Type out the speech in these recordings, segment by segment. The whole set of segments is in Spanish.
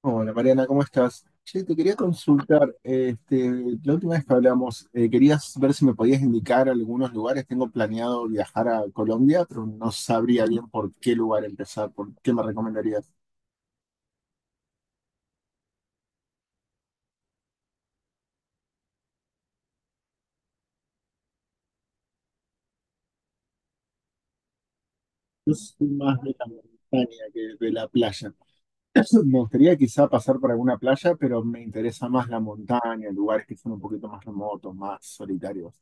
Hola Mariana, ¿cómo estás? Che, te quería consultar, la última vez que hablamos, querías ver si me podías indicar algunos lugares. Tengo planeado viajar a Colombia, pero no sabría bien por qué lugar empezar, por qué me recomendarías. Yo soy más de la montaña que de la playa. Me gustaría quizá pasar por alguna playa, pero me interesa más la montaña, lugares que son un poquito más remotos, más solitarios.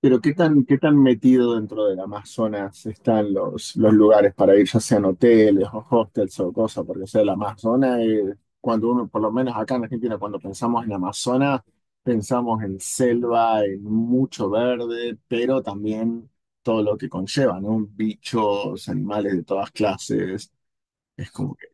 Pero ¿qué tan metido dentro del Amazonas están los lugares para ir, ya sean hoteles o hostels o cosas? Porque, o sea, el Amazonas, cuando uno, por lo menos acá en Argentina, cuando pensamos en Amazonas, pensamos en selva, en mucho verde, pero también todo lo que conlleva, ¿no? Bichos, animales de todas clases. Es como que,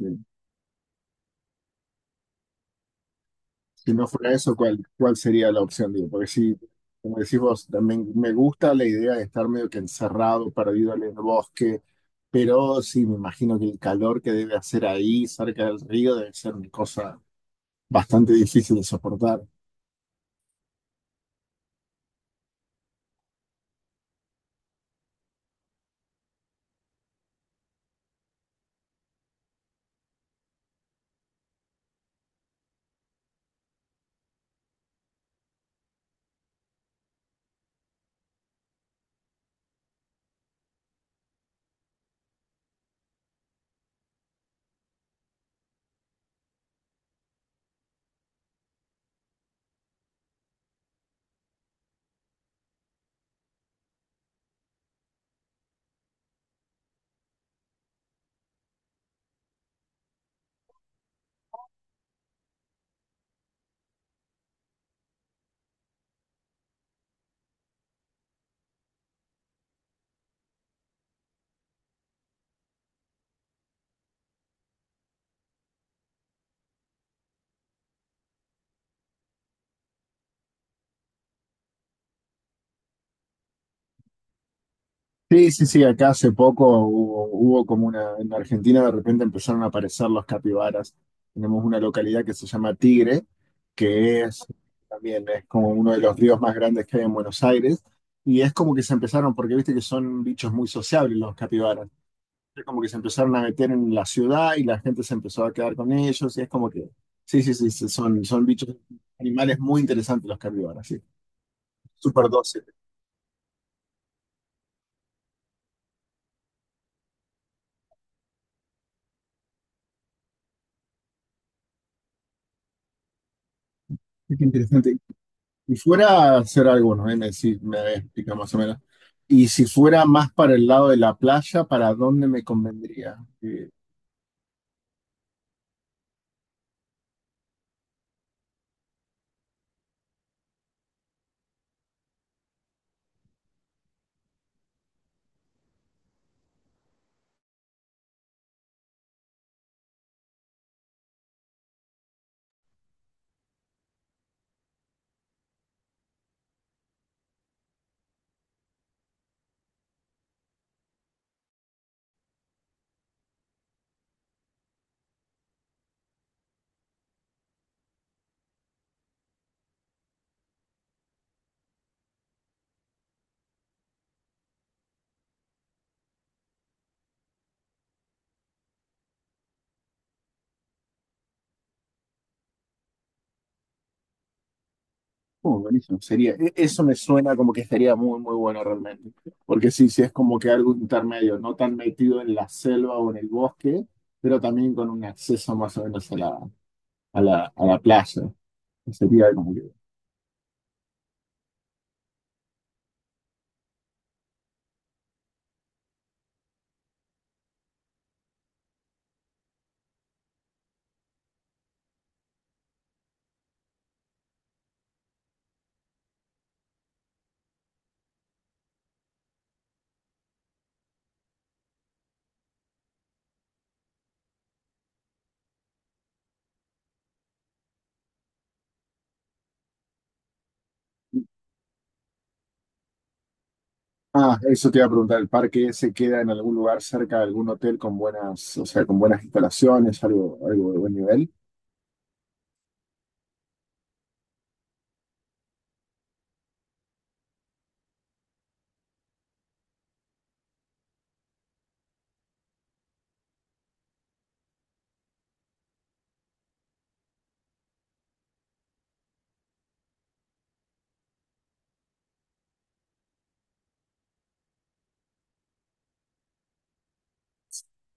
eh, si no fuera eso, ¿cuál sería la opción? Digo, porque si como decís vos, también me gusta la idea de estar medio que encerrado, perdido en el bosque. Pero sí, me imagino que el calor que debe hacer ahí cerca del río debe ser una cosa bastante difícil de soportar. Sí, sí, sí, acá hace poco hubo como una, en Argentina de repente empezaron a aparecer los capibaras. Tenemos una localidad que se llama Tigre, que es también es como uno de los ríos más grandes que hay en Buenos Aires. Y es como que se empezaron, porque viste que son bichos muy sociables los capibaras. Como que se empezaron a meter en la ciudad y la gente se empezó a quedar con ellos y es como que, sí, sí, sí, sí, son bichos, animales muy interesantes los carnívoros, sí, súper dóciles. Sí, qué interesante. Y fuera a hacer algo, ¿no? Ahí me, me explica más o menos. Y si fuera más para el lado de la playa, ¿para dónde me convendría? Eh, oh, buenísimo, sería, eso me suena como que sería muy, muy bueno realmente. Porque sí, sí, es como que algo intermedio, no tan metido en la selva o en el bosque, pero también con un acceso más o menos a a la playa. Sería como que... Ah, eso te iba a preguntar, ¿el parque ese queda en algún lugar cerca de algún hotel con buenas, o sea, con buenas instalaciones, algo, algo de buen nivel?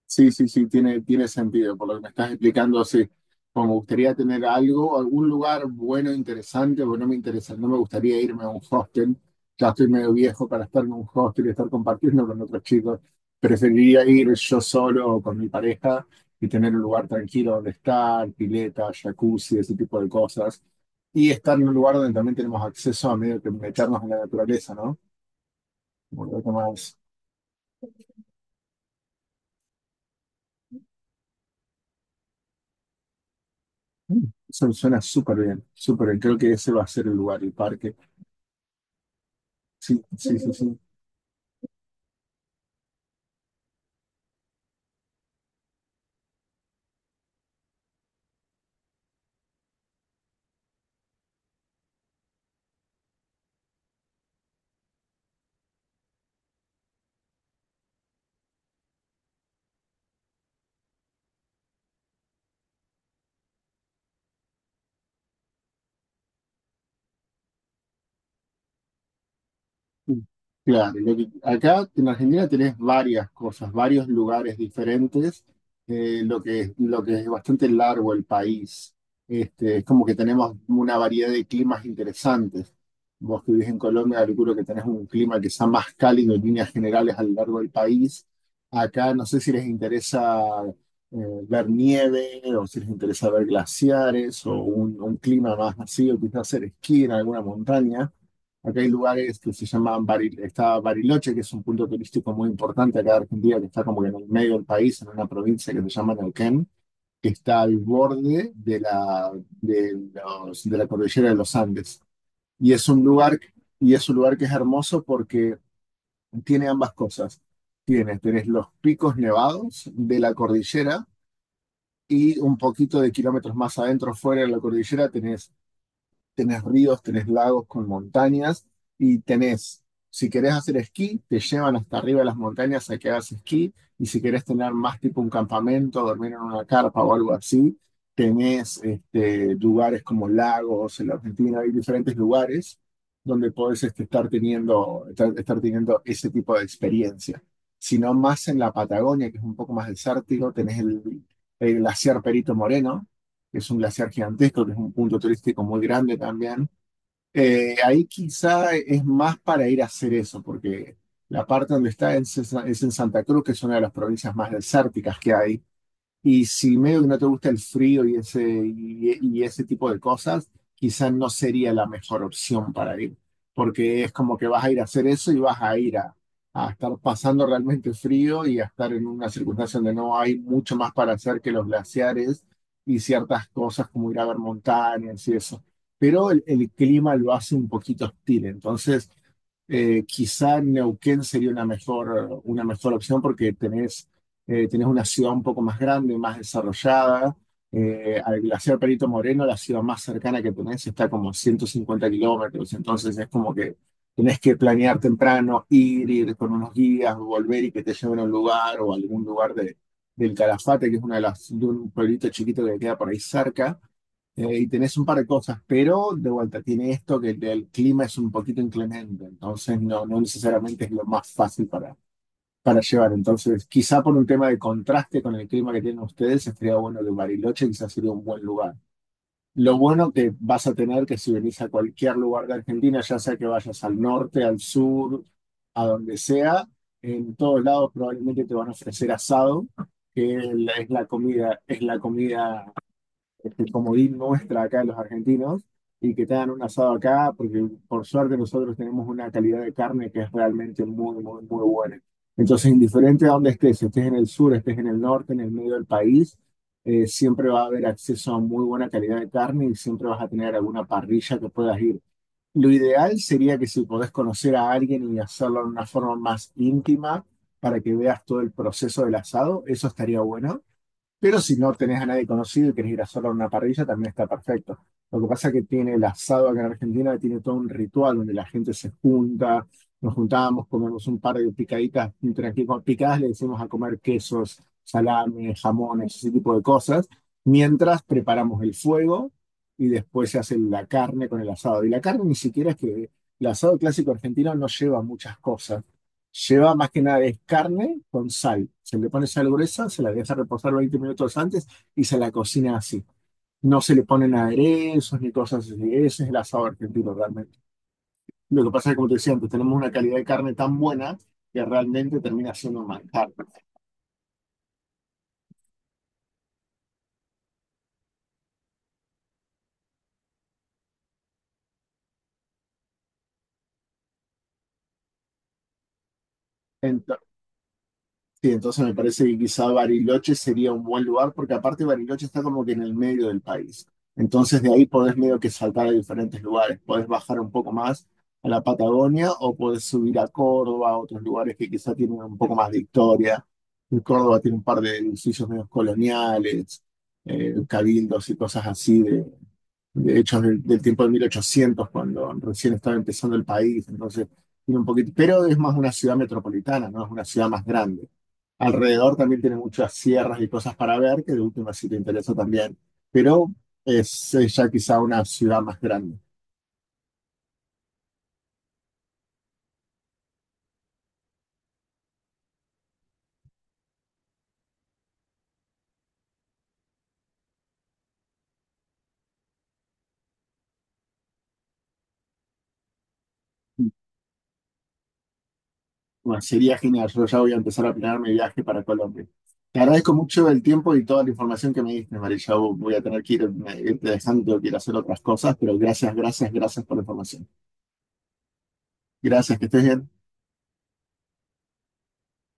Sí, sí, sí, tiene sentido por lo que me estás explicando. Sí, como me gustaría tener algo, algún lugar bueno, interesante, porque no me interesa, no me gustaría irme a un hostel. Ya estoy medio viejo para estar en un hostel y estar compartiendo con otros chicos. Preferiría ir yo solo o con mi pareja y tener un lugar tranquilo donde estar, pileta, jacuzzi, ese tipo de cosas. Y estar en un lugar donde también tenemos acceso a medio que meternos en la naturaleza, ¿no? Un poco más. Mm, eso suena súper bien, súper bien. Creo que ese va a ser el lugar, el parque. Sí, sí, sí, sí. Mm, claro, acá en Argentina tenés varias cosas, varios lugares diferentes, lo que es bastante largo el país. Este, es como que tenemos una variedad de climas interesantes. Vos que vivís en Colombia, calculo que tenés un clima que sea más cálido en líneas generales a lo largo del país. Acá no sé si les interesa eh, ver nieve o si les interesa ver glaciares o un clima más así, o quizás hacer esquí en alguna montaña. Acá hay lugares que se llaman está Bariloche, que es un punto turístico muy importante acá de Argentina, que está como que en el medio del país, en una provincia que se llama Neuquén, que está al borde de de de la cordillera de los Andes. Y es un lugar, y es un lugar que es hermoso porque tiene ambas cosas. Tenés los picos nevados de la cordillera y un poquito de kilómetros más adentro, fuera de la cordillera, tenés ríos, tenés lagos con montañas y tenés, si querés hacer esquí, te llevan hasta arriba de las montañas a que hagas esquí, y si querés tener más tipo un campamento, dormir en una carpa o algo así, tenés este, lugares como lagos. En la Argentina hay diferentes lugares donde podés este, estar teniendo ese tipo de experiencia. Si no, más en la Patagonia, que es un poco más desértico, tenés el glaciar Perito Moreno, es un glaciar gigantesco, que es un punto turístico muy grande también. Ahí quizá es más para ir a hacer eso, porque la parte donde está es en Santa Cruz, que es una de las provincias más desérticas que hay. Y si medio que no te gusta el frío y y ese tipo de cosas, quizás no sería la mejor opción para ir, porque es como que vas a ir a hacer eso y vas a ir a estar pasando realmente frío y a estar en una circunstancia donde no hay mucho más para hacer que los glaciares y ciertas cosas como ir a ver montañas y eso. Pero el clima lo hace un poquito hostil, entonces quizá Neuquén sería una mejor opción porque tenés tienes una ciudad un poco más grande, más desarrollada. Al glaciar Perito Moreno, la ciudad más cercana que tenés está como a 150 kilómetros, entonces es como que tenés que planear temprano, ir con unos guías, volver y que te lleven a un lugar o a algún lugar del Calafate, que es una de las, de un pueblito chiquito que queda por ahí cerca. Y tenés un par de cosas, pero de vuelta tiene esto que el clima es un poquito inclemente, entonces no, no necesariamente es lo más fácil para llevar. Entonces, quizá por un tema de contraste con el clima que tienen ustedes, estaría bueno que Bariloche quizás sería un buen lugar. Lo bueno que vas a tener que si venís a cualquier lugar de Argentina, ya sea que vayas al norte, al sur, a donde sea, en todos lados probablemente te van a ofrecer asado, que es la comida este comodín nuestra acá de los argentinos, y que te hagan un asado acá, porque por suerte nosotros tenemos una calidad de carne que es realmente muy, muy, muy buena. Entonces, indiferente a dónde estés, si estés en el sur, estés en el norte, en el medio del país, siempre va a haber acceso a muy buena calidad de carne y siempre vas a tener alguna parrilla que puedas ir. Lo ideal sería que si podés conocer a alguien y hacerlo de una forma más íntima para que veas todo el proceso del asado, eso estaría bueno. Pero si no tenés a nadie conocido y querés ir a solo a una parrilla, también está perfecto. Lo que pasa es que tiene el asado acá en Argentina, tiene todo un ritual donde la gente se junta, nos juntamos, comemos un par de picaditas, entre aquí con picadas le decimos a comer quesos, salame, jamones, ese tipo de cosas, mientras preparamos el fuego y después se hace la carne con el asado. Y la carne ni siquiera es que el asado clásico argentino no lleva muchas cosas. Lleva más que nada es carne con sal. Se le pone sal gruesa, se la deja reposar 20 minutos antes y se la cocina así. No se le ponen aderezos ni cosas así. Ese es el asado argentino realmente. Lo que pasa es que, como te decía antes, tenemos una calidad de carne tan buena que realmente termina siendo un manjar. Sí, entonces me parece que quizá Bariloche sería un buen lugar, porque aparte Bariloche está como que en el medio del país. Entonces de ahí podés medio que saltar a diferentes lugares. Podés bajar un poco más a la Patagonia o podés subir a Córdoba, a otros lugares que quizá tienen un poco más de historia. En Córdoba tiene un par de edificios medio coloniales, cabildos y cosas así, de hechos del tiempo de 1800, cuando recién estaba empezando el país. Entonces tiene un poquito, pero es más una ciudad metropolitana, no es una ciudad más grande. Alrededor también tiene muchas sierras y cosas para ver, que de última si te interesa también. Pero es ya quizá una ciudad más grande. Bueno, sería genial. Yo ya voy a empezar a planear mi viaje para Colombia. Te agradezco mucho el tiempo y toda la información que me diste, María. Voy a tener que irte dejando, quiero hacer otras cosas, pero gracias, gracias, gracias por la información. Gracias, que estés bien.